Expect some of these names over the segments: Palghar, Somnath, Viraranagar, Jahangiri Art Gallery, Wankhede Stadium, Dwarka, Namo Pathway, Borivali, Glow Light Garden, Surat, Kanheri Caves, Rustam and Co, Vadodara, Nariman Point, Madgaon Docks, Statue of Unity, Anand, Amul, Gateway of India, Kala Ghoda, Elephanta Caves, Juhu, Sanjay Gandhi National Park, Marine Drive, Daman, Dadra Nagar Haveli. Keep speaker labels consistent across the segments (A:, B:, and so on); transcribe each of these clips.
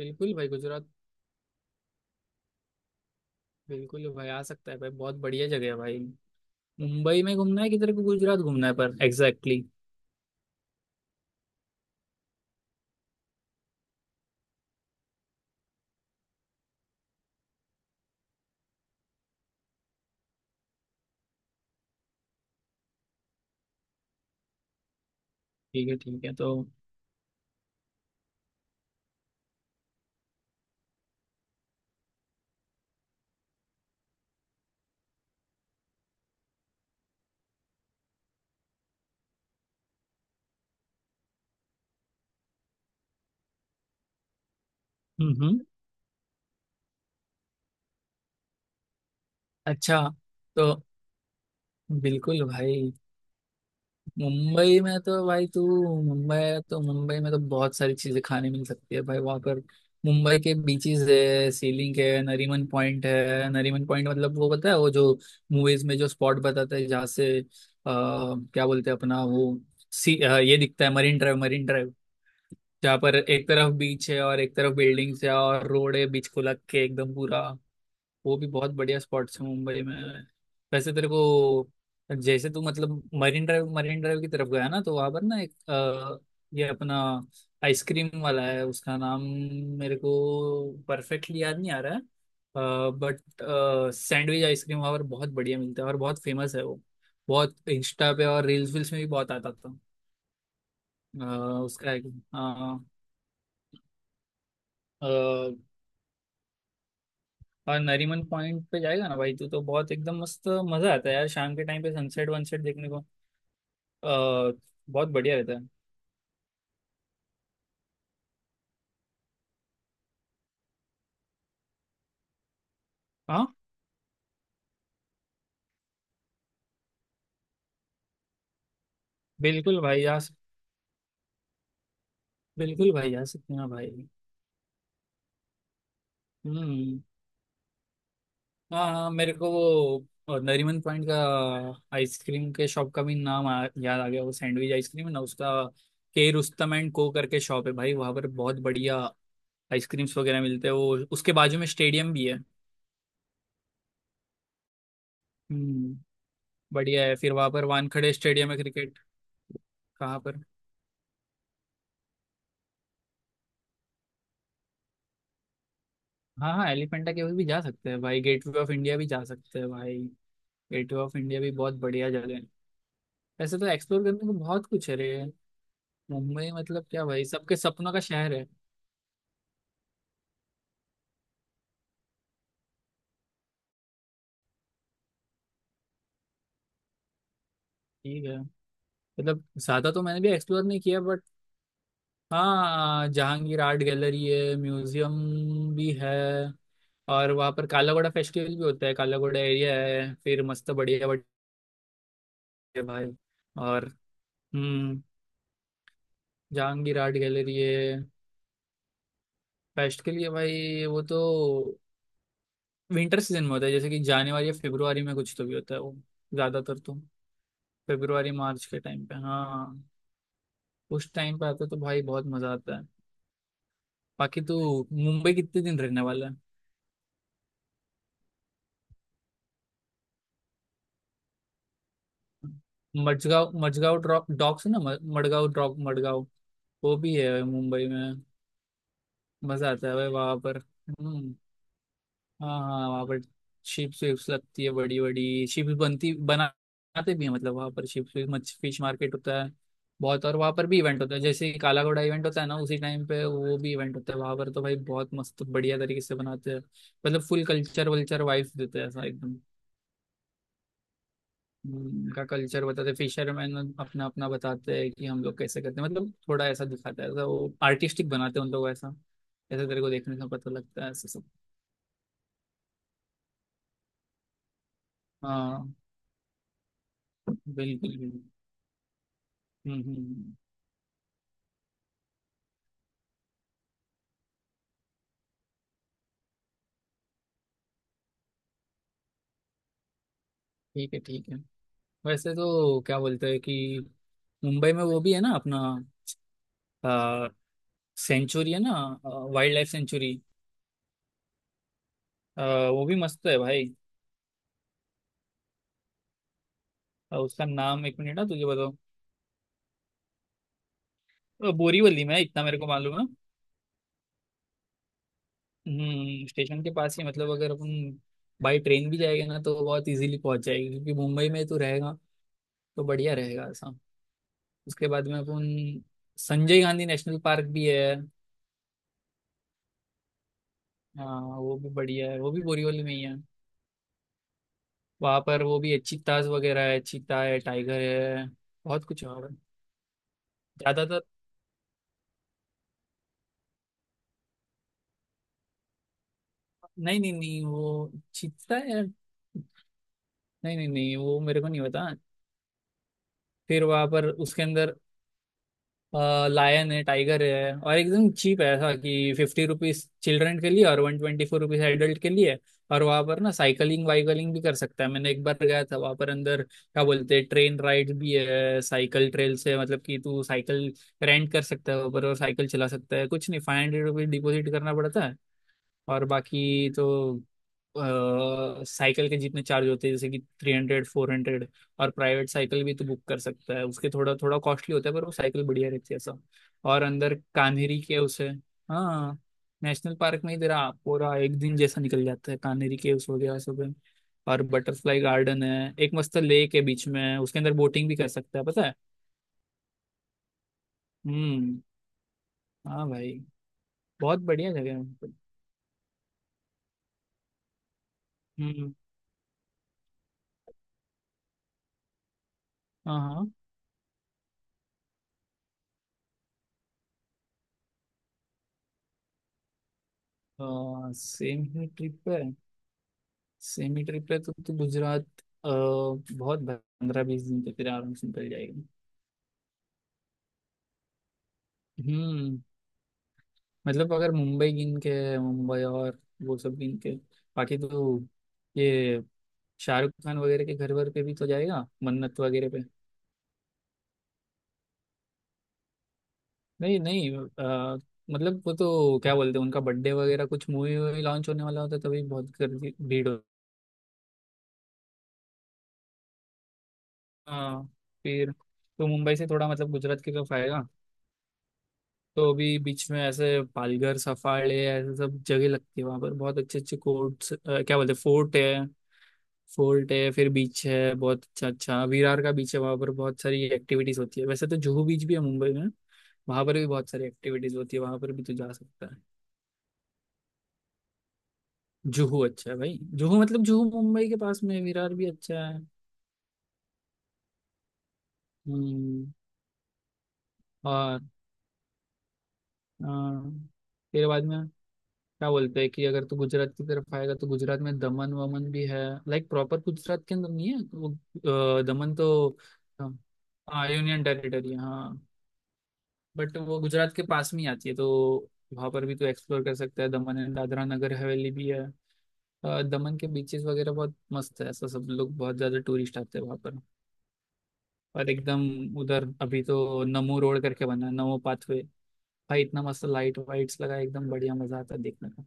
A: बिल्कुल भाई गुजरात बिल्कुल भाई आ सकता है भाई। बहुत बढ़िया जगह है भाई। मुंबई में घूमना है किधर को, गुजरात घूमना है, पर एग्जैक्टली exactly. ठीक है, ठीक है तो। हम्म। अच्छा, तो बिल्कुल भाई। मुंबई में तो भाई तू मुंबई है तो मुंबई में तो बहुत सारी चीजें खाने मिल सकती है भाई वहाँ पर। मुंबई के बीचेस है, सीलिंग है, नरीमन पॉइंट है। नरीमन पॉइंट मतलब वो पता है, वो जो मूवीज में जो स्पॉट बताता है जहाँ से क्या बोलते हैं अपना वो सी ये दिखता है, मरीन ड्राइव। मरीन जहाँ पर एक तरफ बीच है और एक तरफ बिल्डिंग्स है और रोड है बीच को लग के एकदम पूरा। वो भी बहुत बढ़िया स्पॉट्स है मुंबई में। वैसे तेरे को जैसे तू मतलब मरीन ड्राइव, मरीन ड्राइव की तरफ गया ना तो वहां पर ना एक ये अपना आइसक्रीम वाला है, उसका नाम मेरे को परफेक्टली याद नहीं आ रहा है, बट सैंडविच आइसक्रीम वहाँ पर बहुत बढ़िया मिलता है और बहुत फेमस है वो। बहुत इंस्टा पे और रील्स वील्स में भी बहुत आता था। अ, उसका एक हाँ। और नरीमन पॉइंट पे जाएगा ना भाई तू, तो बहुत एकदम मस्त मजा आता है यार शाम के टाइम पे, सनसेट वनसेट देखने को अ, बहुत बढ़िया रहता है। हाँ बिल्कुल भाई आ सक- बिल्कुल भाई आ सकते हैं भाई। हम्म। हाँ हाँ, मेरे को वो नरीमन पॉइंट का आइसक्रीम के शॉप का भी नाम याद आ गया। वो सैंडविच आइसक्रीम है ना, उसका के रुस्तम एंड को करके शॉप है भाई वहाँ पर। बहुत बढ़िया आइसक्रीम्स वगैरह मिलते हैं, वो उसके बाजू में स्टेडियम भी है। हम्म। बढ़िया है, फिर वहाँ पर वानखड़े स्टेडियम है क्रिकेट। कहाँ पर। हाँ हाँ, एलिफेंटा केव्स भी जा सकते हैं भाई, गेटवे ऑफ इंडिया भी जा सकते हैं भाई। गेटवे ऑफ इंडिया भी बहुत बढ़िया जगह है। वैसे तो एक्सप्लोर करने को बहुत कुछ है रे। मुंबई मतलब क्या भाई, सबके सपनों का शहर है। ठीक है। मतलब ज्यादा तो मैंने भी एक्सप्लोर नहीं किया, बट हाँ, जहांगीर आर्ट गैलरी है, म्यूजियम भी है। और वहाँ पर काला घोड़ा फेस्टिवल भी होता है, काला घोड़ा एरिया है फिर, मस्त बढ़िया बढ़िया भाई। और हम्म। जहांगीर आर्ट गैलरी है। फेस्ट के लिए भाई वो तो विंटर सीजन में होता है, जैसे कि जनवरी या फरवरी में कुछ तो भी होता है वो। ज्यादातर तो फरवरी मार्च के टाइम पे हाँ, उस टाइम पे आता है तो भाई बहुत मजा आता है। बाकी तो मुंबई कितने दिन रहने वाला है। मडगांव मडगांव ड्रॉप डॉक्स है ना, मडगांव ड्रॉप। मडगांव वो भी है मुंबई में। मजा आता है भाई वहां पर। हम्म। हाँ हाँ हाँ, वहाँ पर शिप्स विप्स लगती है, बड़ी बड़ी शिप्स बनती बनाते भी है, मतलब वहाँ पर शिप्स मच फिश मार्केट होता है बहुत। और वहाँ पर भी इवेंट होता है, जैसे काला घोड़ा इवेंट होता है ना उसी टाइम पे, वो भी इवेंट होता है वहाँ पर, तो भाई बहुत मस्त बढ़िया तरीके से बनाते हैं। मतलब फुल कल्चर वल्चर वाइफ देते हैं ऐसा एकदम। उनका कल्चर बताते हैं, फिशरमैन अपना अपना बताते हैं कि हम लोग कैसे करते हैं, मतलब थोड़ा ऐसा दिखाता है ऐसा, वो आर्टिस्टिक बनाते हैं उन लोग ऐसा। ऐसा तेरे को देखने से पता लगता है ऐसा सब। हाँ बिल्कुल बिल्कुल। हम्म हम्म हम्म। ठीक है, ठीक है। वैसे तो क्या बोलते हैं कि मुंबई में वो भी है ना अपना आ, सेंचुरी है ना, वाइल्ड लाइफ सेंचुरी, वो भी मस्त है भाई। उसका नाम एक मिनट ना, तुझे बताओ। बोरीवली में है, इतना मेरे को मालूम है। हम्म, स्टेशन के पास ही, मतलब अगर अपन बाई ट्रेन भी जाएंगे ना तो बहुत इजीली पहुंच जाएगी, क्योंकि मुंबई में तो रहेगा तो बढ़िया रहेगा ऐसा। उसके बाद में अपन संजय गांधी नेशनल पार्क भी है। हाँ, वो भी बढ़िया है, वो भी बोरीवली में ही है। वहाँ पर वो भी है, चीताज वगैरह है, चीता है, टाइगर है, बहुत कुछ और है वहाँ पर। ज्यादातर। नहीं नहीं नहीं, वो चीता है। नहीं नहीं नहीं, वो मेरे को नहीं पता। फिर वहाँ पर उसके अंदर लायन है, टाइगर है, और एकदम चीप है ऐसा, कि 50 रुपीज चिल्ड्रन के लिए और 124 रुपीज एडल्ट के लिए। और वहाँ पर ना साइकिलिंग वाइकलिंग भी कर सकता है। मैंने एक बार गया था वहाँ पर, अंदर क्या बोलते हैं, ट्रेन राइड भी है, साइकिल ट्रेल से, मतलब कि तू साइकिल रेंट कर सकता है वहाँ पर और साइकिल चला सकता है, कुछ नहीं 500 रुपीज डिपोजिट करना पड़ता है। और बाकी तो साइकिल के जितने चार्ज होते हैं, जैसे कि 300 400। और प्राइवेट साइकिल भी तो बुक कर सकता है, उसके थोड़ा थोड़ा कॉस्टली होता है, पर वो साइकिल बढ़िया रहती है सब। और अंदर कान्हेरी के उसे हाँ, नेशनल पार्क में ही तेरा पूरा एक दिन जैसा निकल जाता है, कान्हेरी केव्स हो गया सब है। और बटरफ्लाई गार्डन है, एक मस्त लेक है बीच में, उसके अंदर बोटिंग भी कर सकता है पता है। हम्म। हाँ भाई, बहुत बढ़िया जगह है। हम्म। हाँ हाँ, सेम ही ट्रिप है, सेमी ट्रिप है तो गुजरात अ, बहुत 15-20 दिन तक फिर आराम से निकल जाएगी। हम्म। मतलब अगर मुंबई गिन के, मुंबई और वो सब गिन के, बाकी तो ये शाहरुख खान वगैरह के घर वर पे भी तो जाएगा, मन्नत वगैरह पे। नहीं नहीं, मतलब वो तो क्या बोलते हैं, उनका बर्थडे वगैरह, कुछ मूवी वूवी लॉन्च होने वाला होता है तभी बहुत भीड़ हो। हाँ। फिर तो मुंबई से थोड़ा मतलब गुजरात की तरफ आएगा तो अभी बीच में ऐसे पालघर सफाड़े ऐसे सब जगह लगती है, वहां पर बहुत अच्छे अच्छे कोर्ट्स, क्या बोलते हैं, फोर्ट है। फोर्ट है, फिर बीच है बहुत अच्छा अच्छा, विरार का बीच है, वहां पर बहुत सारी एक्टिविटीज होती है, वैसे तो जुहू बीच भी है मुंबई में। वहां पर भी बहुत सारी एक्टिविटीज होती है, वहां पर भी तू जा सकता है। जुहू अच्छा है भाई, जुहू मतलब जुहू मुंबई के पास में है, विरार भी अच्छा है। हम्म। और अ, फिर बाद में क्या बोलते हैं कि अगर तू गुजरात की तरफ आएगा तो गुजरात में दमन वमन भी है, लाइक प्रॉपर गुजरात के अंदर नहीं है वो। दमन तो हाँ, यूनियन टेरिटरी हाँ। बट वो गुजरात के पास में ही आती है, तो वहां पर भी तू एक्सप्लोर कर सकता है, दमन एंड दादरा नगर हवेली भी है। दमन के बीचेस वगैरह बहुत मस्त है ऐसा, सब लोग बहुत ज्यादा टूरिस्ट आते हैं वहां पर। और एकदम उधर अभी तो नमो रोड करके बना है, नमो पाथवे भाई, इतना मस्त लाइट वाइट्स लगा है, एकदम बढ़िया मजा आता है देखने का।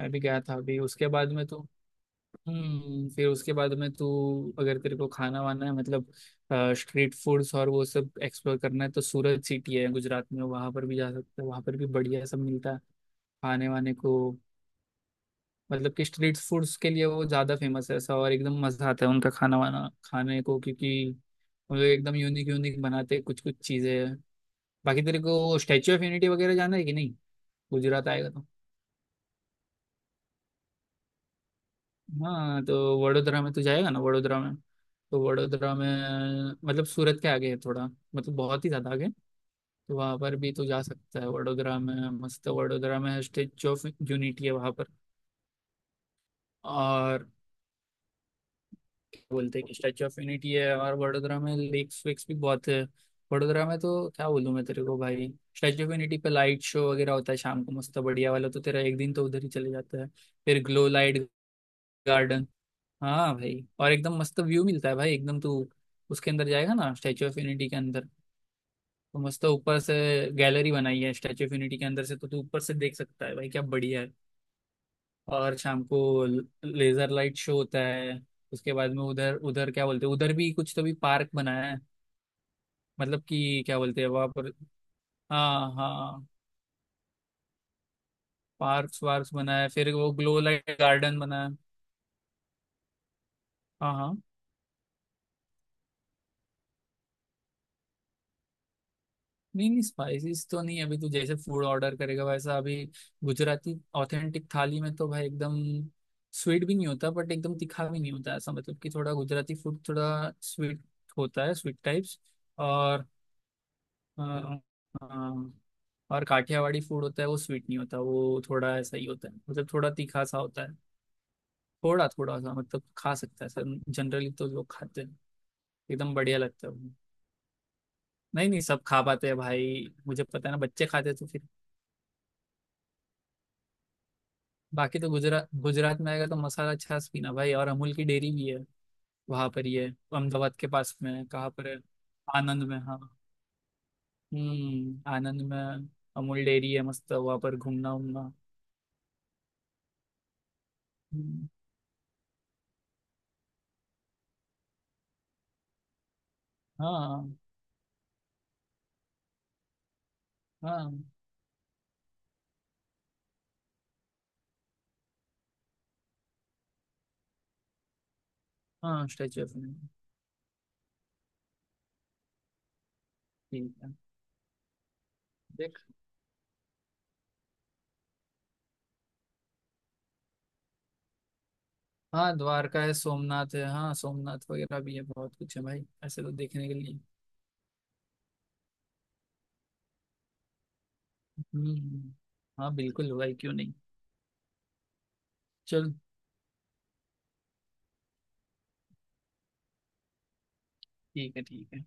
A: मैं भी गया था अभी उसके बाद में तो। हम्म। फिर उसके बाद में तू, अगर तेरे को खाना वाना है मतलब स्ट्रीट फूड्स और वो सब एक्सप्लोर करना है तो सूरत सिटी है गुजरात में, वहां पर भी जा सकते हैं, वहां पर भी बढ़िया सब मिलता है खाने वाने को। मतलब कि स्ट्रीट फूड्स के लिए वो ज्यादा फेमस है ऐसा, और एकदम मजा आता है उनका खाना वाना खाने को, क्योंकि वो लोग एकदम यूनिक यूनिक बनाते हैं कुछ कुछ चीजें। बाकी तेरे को स्टैचू ऑफ यूनिटी वगैरह जाना है कि नहीं, गुजरात आएगा तो। हाँ तो वडोदरा में तो जाएगा ना, वडोदरा में मतलब सूरत के आगे है थोड़ा, मतलब बहुत ही ज़्यादा आगे। तो वहाँ पर भी तो जा सकता है वडोदरा में, मस्त, वडोदरा में स्टेच्यू ऑफ यूनिटी है वहाँ पर। और बोलते हैं कि स्टैचू ऑफ यूनिटी है, और वडोदरा में लेक्स वेक्स भी बहुत है। वडोदरा में तो क्या बोलूं मैं तेरे को भाई, स्टैचू ऑफ यूनिटी पे लाइट शो वगैरह होता है शाम को मस्त बढ़िया वाला, तो तेरा एक दिन तो उधर ही चले जाता है। फिर ग्लो लाइट गार्डन। हाँ भाई, और एकदम मस्त व्यू मिलता है भाई एकदम, तू उसके अंदर जाएगा ना स्टैचू ऑफ यूनिटी के अंदर, तो मस्त ऊपर से गैलरी बनाई है स्टैचू ऑफ यूनिटी के अंदर से, तो तू ऊपर से देख सकता है भाई, क्या बढ़िया है। और शाम को लेजर लाइट शो होता है। उसके बाद में उधर उधर क्या बोलते हैं, उधर भी कुछ तो भी पार्क बनाया है, मतलब कि क्या बोलते हैं वहां पर। हाँ हाँ। पार्क्स वार्क्स बनाया है, फिर वो ग्लो लाइट गार्डन बनाया है। हाँ हाँ, नहीं नहीं, स्पाइसेस तो नहीं, अभी तू जैसे फूड ऑर्डर करेगा वैसा, अभी गुजराती ऑथेंटिक थाली में तो भाई एकदम स्वीट भी नहीं होता बट एकदम तीखा भी नहीं होता ऐसा, मतलब कि थोड़ा गुजराती फूड थोड़ा स्वीट होता है, स्वीट टाइप्स। और हाँ, हाँ। और काठियावाड़ी फूड होता है, वो स्वीट नहीं होता, वो थोड़ा ऐसा ही होता है, मतलब थोड़ा तीखा सा होता है। थोड़ा थोड़ा सा मतलब खा सकता है सर, जनरली तो लोग खाते हैं, एकदम बढ़िया लगता है वो। नहीं नहीं, सब खा पाते हैं भाई, मुझे पता है ना, बच्चे खाते हैं तो फिर। बाकी तो गुजरात गुजरात में आएगा तो मसाला छाछ पीना भाई, और अमूल की डेयरी भी है वहां पर ही है, अहमदाबाद के पास में है, कहाँ पर है, आनंद में हाँ। हम्म, आनंद में अमूल डेयरी है, मस्त, वहां पर घूमना उमना। हम्म, हाँ हाँ हाँ, स्टैचू ऑफ यूनिटी, ठीक है, देख, हाँ द्वारका है, सोमनाथ है, हाँ सोमनाथ वगैरह भी है, बहुत कुछ है भाई ऐसे तो देखने के लिए। हम्म, हाँ बिल्कुल भाई, क्यों नहीं। चल, ठीक है, ठीक है।